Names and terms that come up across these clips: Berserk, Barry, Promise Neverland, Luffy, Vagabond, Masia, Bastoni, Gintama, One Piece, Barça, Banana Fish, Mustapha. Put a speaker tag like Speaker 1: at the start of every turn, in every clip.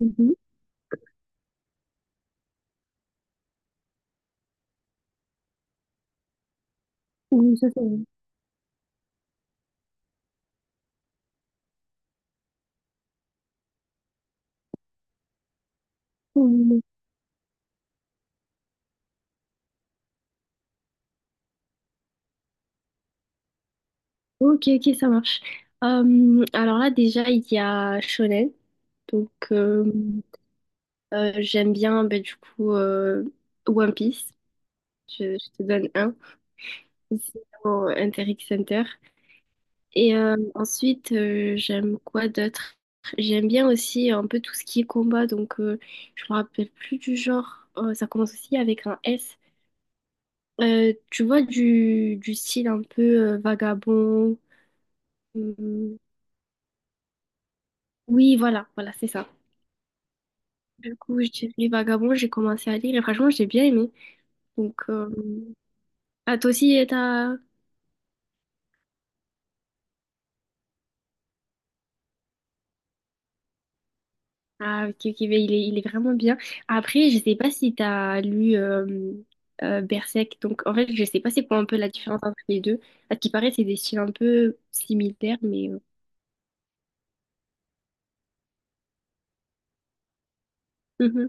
Speaker 1: Mhm. Oui, ça, c'est vrai. Oui, oui, oui. Ok, ok, ça marche. Alors là, déjà, il y a Shonen. Donc, euh, J'aime bien, ben, du coup, One Piece. Je te donne un. Ici, au Interact Center. Et ensuite, j'aime quoi d'autre? J'aime bien aussi un peu tout ce qui est combat. Donc, je me rappelle plus du genre. Ça commence aussi avec un S. Tu vois, du style un peu vagabond. Hum, Oui, voilà, voilà, c'est ça. Du coup, je dirais Vagabond, j'ai commencé à lire et franchement, j'ai bien aimé. Donc, euh... ah, toi aussi, t'as... Ah, ok, ok, mais il est vraiment bien. Après, je sais pas si t'as lu Berserk. Donc, en fait, je sais pas c'est quoi un peu la différence entre les deux. À ce qui paraît, c'est des styles un peu similaires, mais mhm.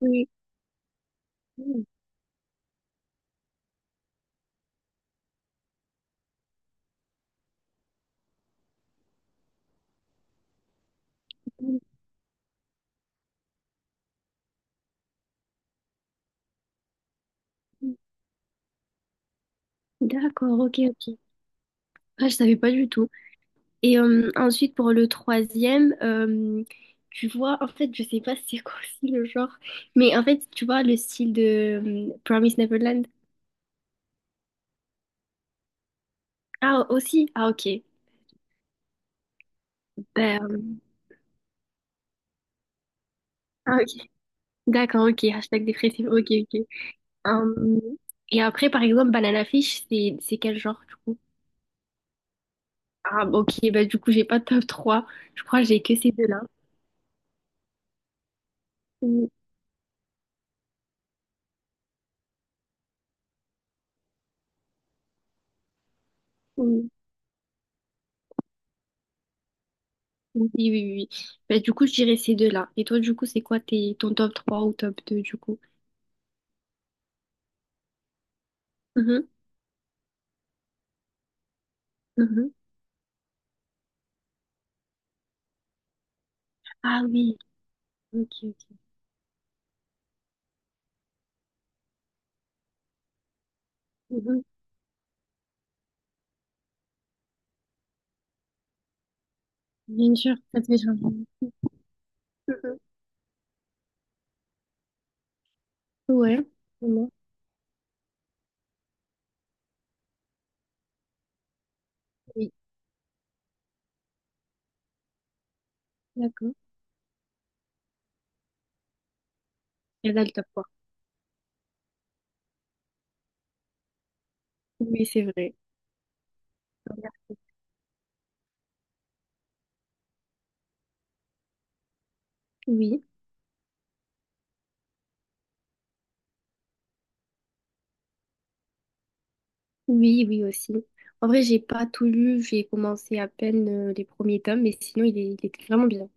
Speaker 1: Oui. D'accord, ok, ok. Ah, je savais pas du tout. Et ensuite, pour le troisième, tu vois, en fait, je sais pas c'est quoi aussi le genre, mais en fait, tu vois, le style de Promise Neverland. Ah, aussi? Ah, ok. Ben, euh, ah, ok. D'accord, ok. Hashtag dépressif. Ok, ok. Euh, et après, par exemple, Banana Fish, c'est quel genre, du coup? Ah, bah, ok. Ben, du coup, j'ai pas de top trois. Je crois que j'ai que ces deux-là. Oui, oui, oui, oui, oui. Ben, du coup, je dirais ces deux-là. Et toi, du coup, c'est quoi tes, ton top 3 ou top 2 du coup? Mhm. Mhm. Ah oui, ok, ok. Mhm. Bien sûr, ça te fait changer. Mhm. Ouais, vraiment, oui, d'accord. Et là, le top 3. Oui, c'est vrai. Oui, oui, oui aussi. En vrai, j'ai pas tout lu, j'ai commencé à peine les premiers tomes, mais sinon, il était vraiment bien.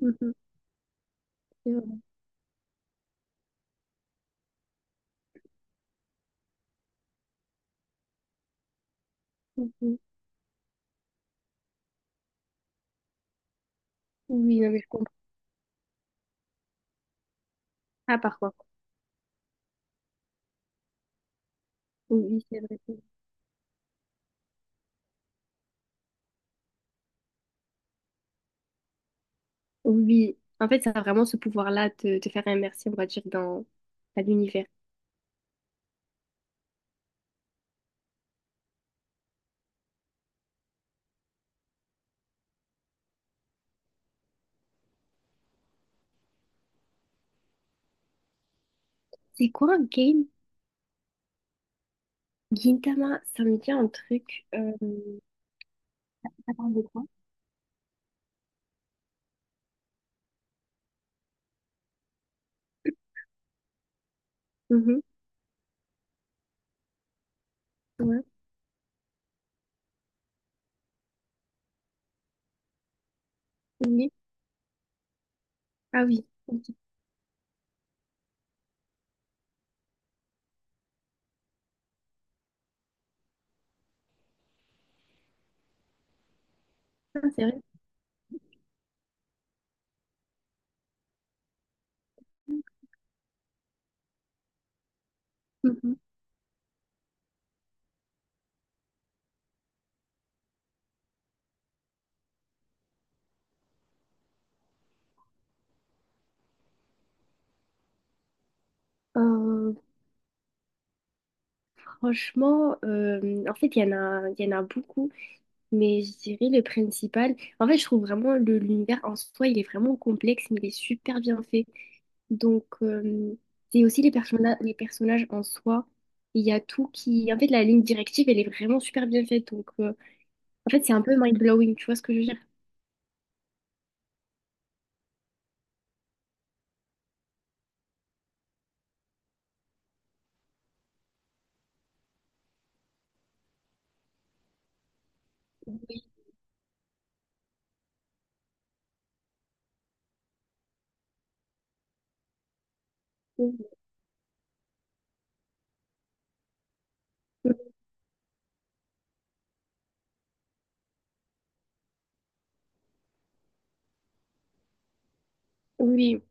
Speaker 1: Mhm, c'est vrai. Mhm. Oui, non, mais je comprends. Ah, par contre, oui, c'est vrai, c'est vrai. Oui, en fait, ça a vraiment ce pouvoir-là de te faire immerser, on va dire, dans dans l'univers. C'est quoi un game? Gintama, ça me dit un truc. Attends, de quoi? Mhm. Ouais. Oui. Ah oui. Ok. Ah, c'est vrai. Mhm. Euh, Franchement, en fait, il y en a beaucoup, mais je dirais le principal. En fait, je trouve vraiment le l'univers en soi, il est vraiment complexe, mais il est super bien fait. Donc, euh, c'est aussi les personnages en soi. Il y a tout qui. En fait, la ligne directive, elle est vraiment super bien faite. En fait, c'est un peu mind-blowing, tu vois ce que je veux dire? Oui. Oui. Oui.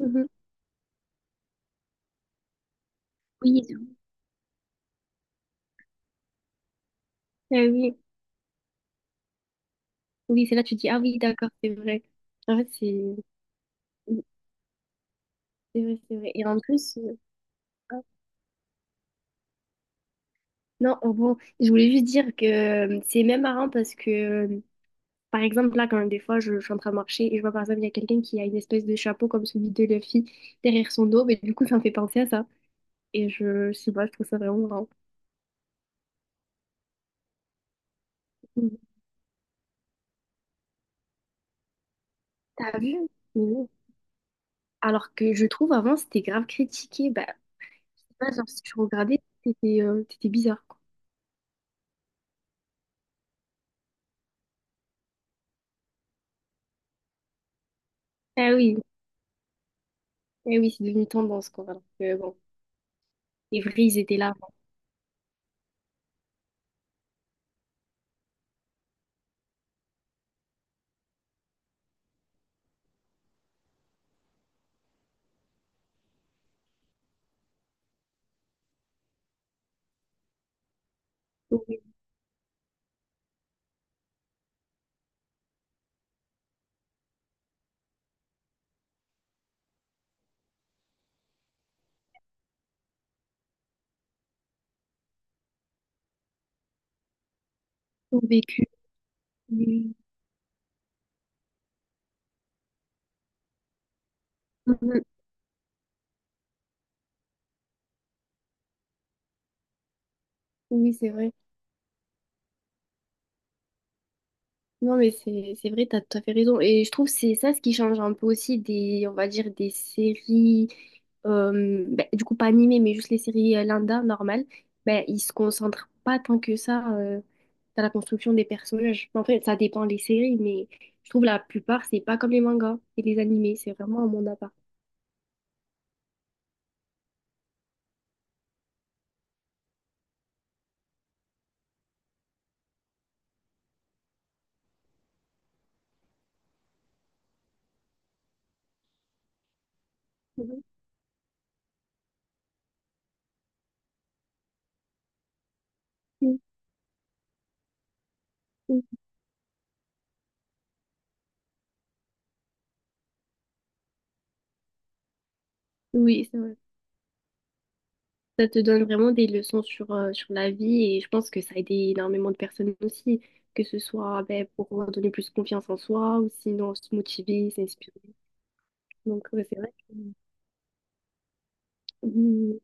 Speaker 1: Mhm. Oui. Oui. Oui, c'est là que tu dis, ah oui, d'accord, c'est vrai. En fait, c'est oui, c'est vrai, c'est vrai. Et en plus, ah, non, oh, bon, je voulais juste dire que c'est même marrant parce que, par exemple, là, quand des fois, je suis en train de marcher et je vois, par exemple, il y a quelqu'un qui a une espèce de chapeau comme celui de Luffy derrière son dos, mais du coup, ça me fait penser à ça. Et je sais pas, je trouve ça vraiment marrant. Mhm. T'as vu? Mais non. Alors que je trouve, avant, c'était grave critiqué. Bah, je sais pas, genre, si tu regardais, c'était c'était bizarre, quoi. Ah oui, ah oui, c'est devenu tendance, quoi. Alors que, bon. C'est vrai, ils étaient là, avant. Oui, ont vécu. Oui, mhm. Oui, c'est vrai. Non, mais c'est vrai, t'as tout à fait raison. Et je trouve que c'est ça ce qui change un peu aussi des, on va dire, des séries, ben, du coup pas animées, mais juste les séries lambda, normales. Ben, ils se concentrent pas tant que ça dans la construction des personnages. En fait, ça dépend des séries, mais je trouve la plupart, c'est pas comme les mangas et les animés, c'est vraiment un monde à part. Mhm. Mhm. Oui, c'est vrai. Ça te donne vraiment des leçons sur, sur la vie et je pense que ça a aidé énormément de personnes aussi, que ce soit ben, pour donner plus confiance en soi ou sinon se motiver, s'inspirer. Donc ouais, c'est vrai que... Mm,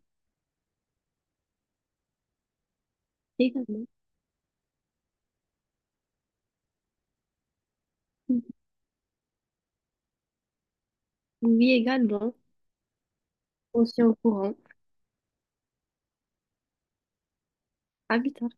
Speaker 1: également. Oui, également. On se tient au courant. À plus tard.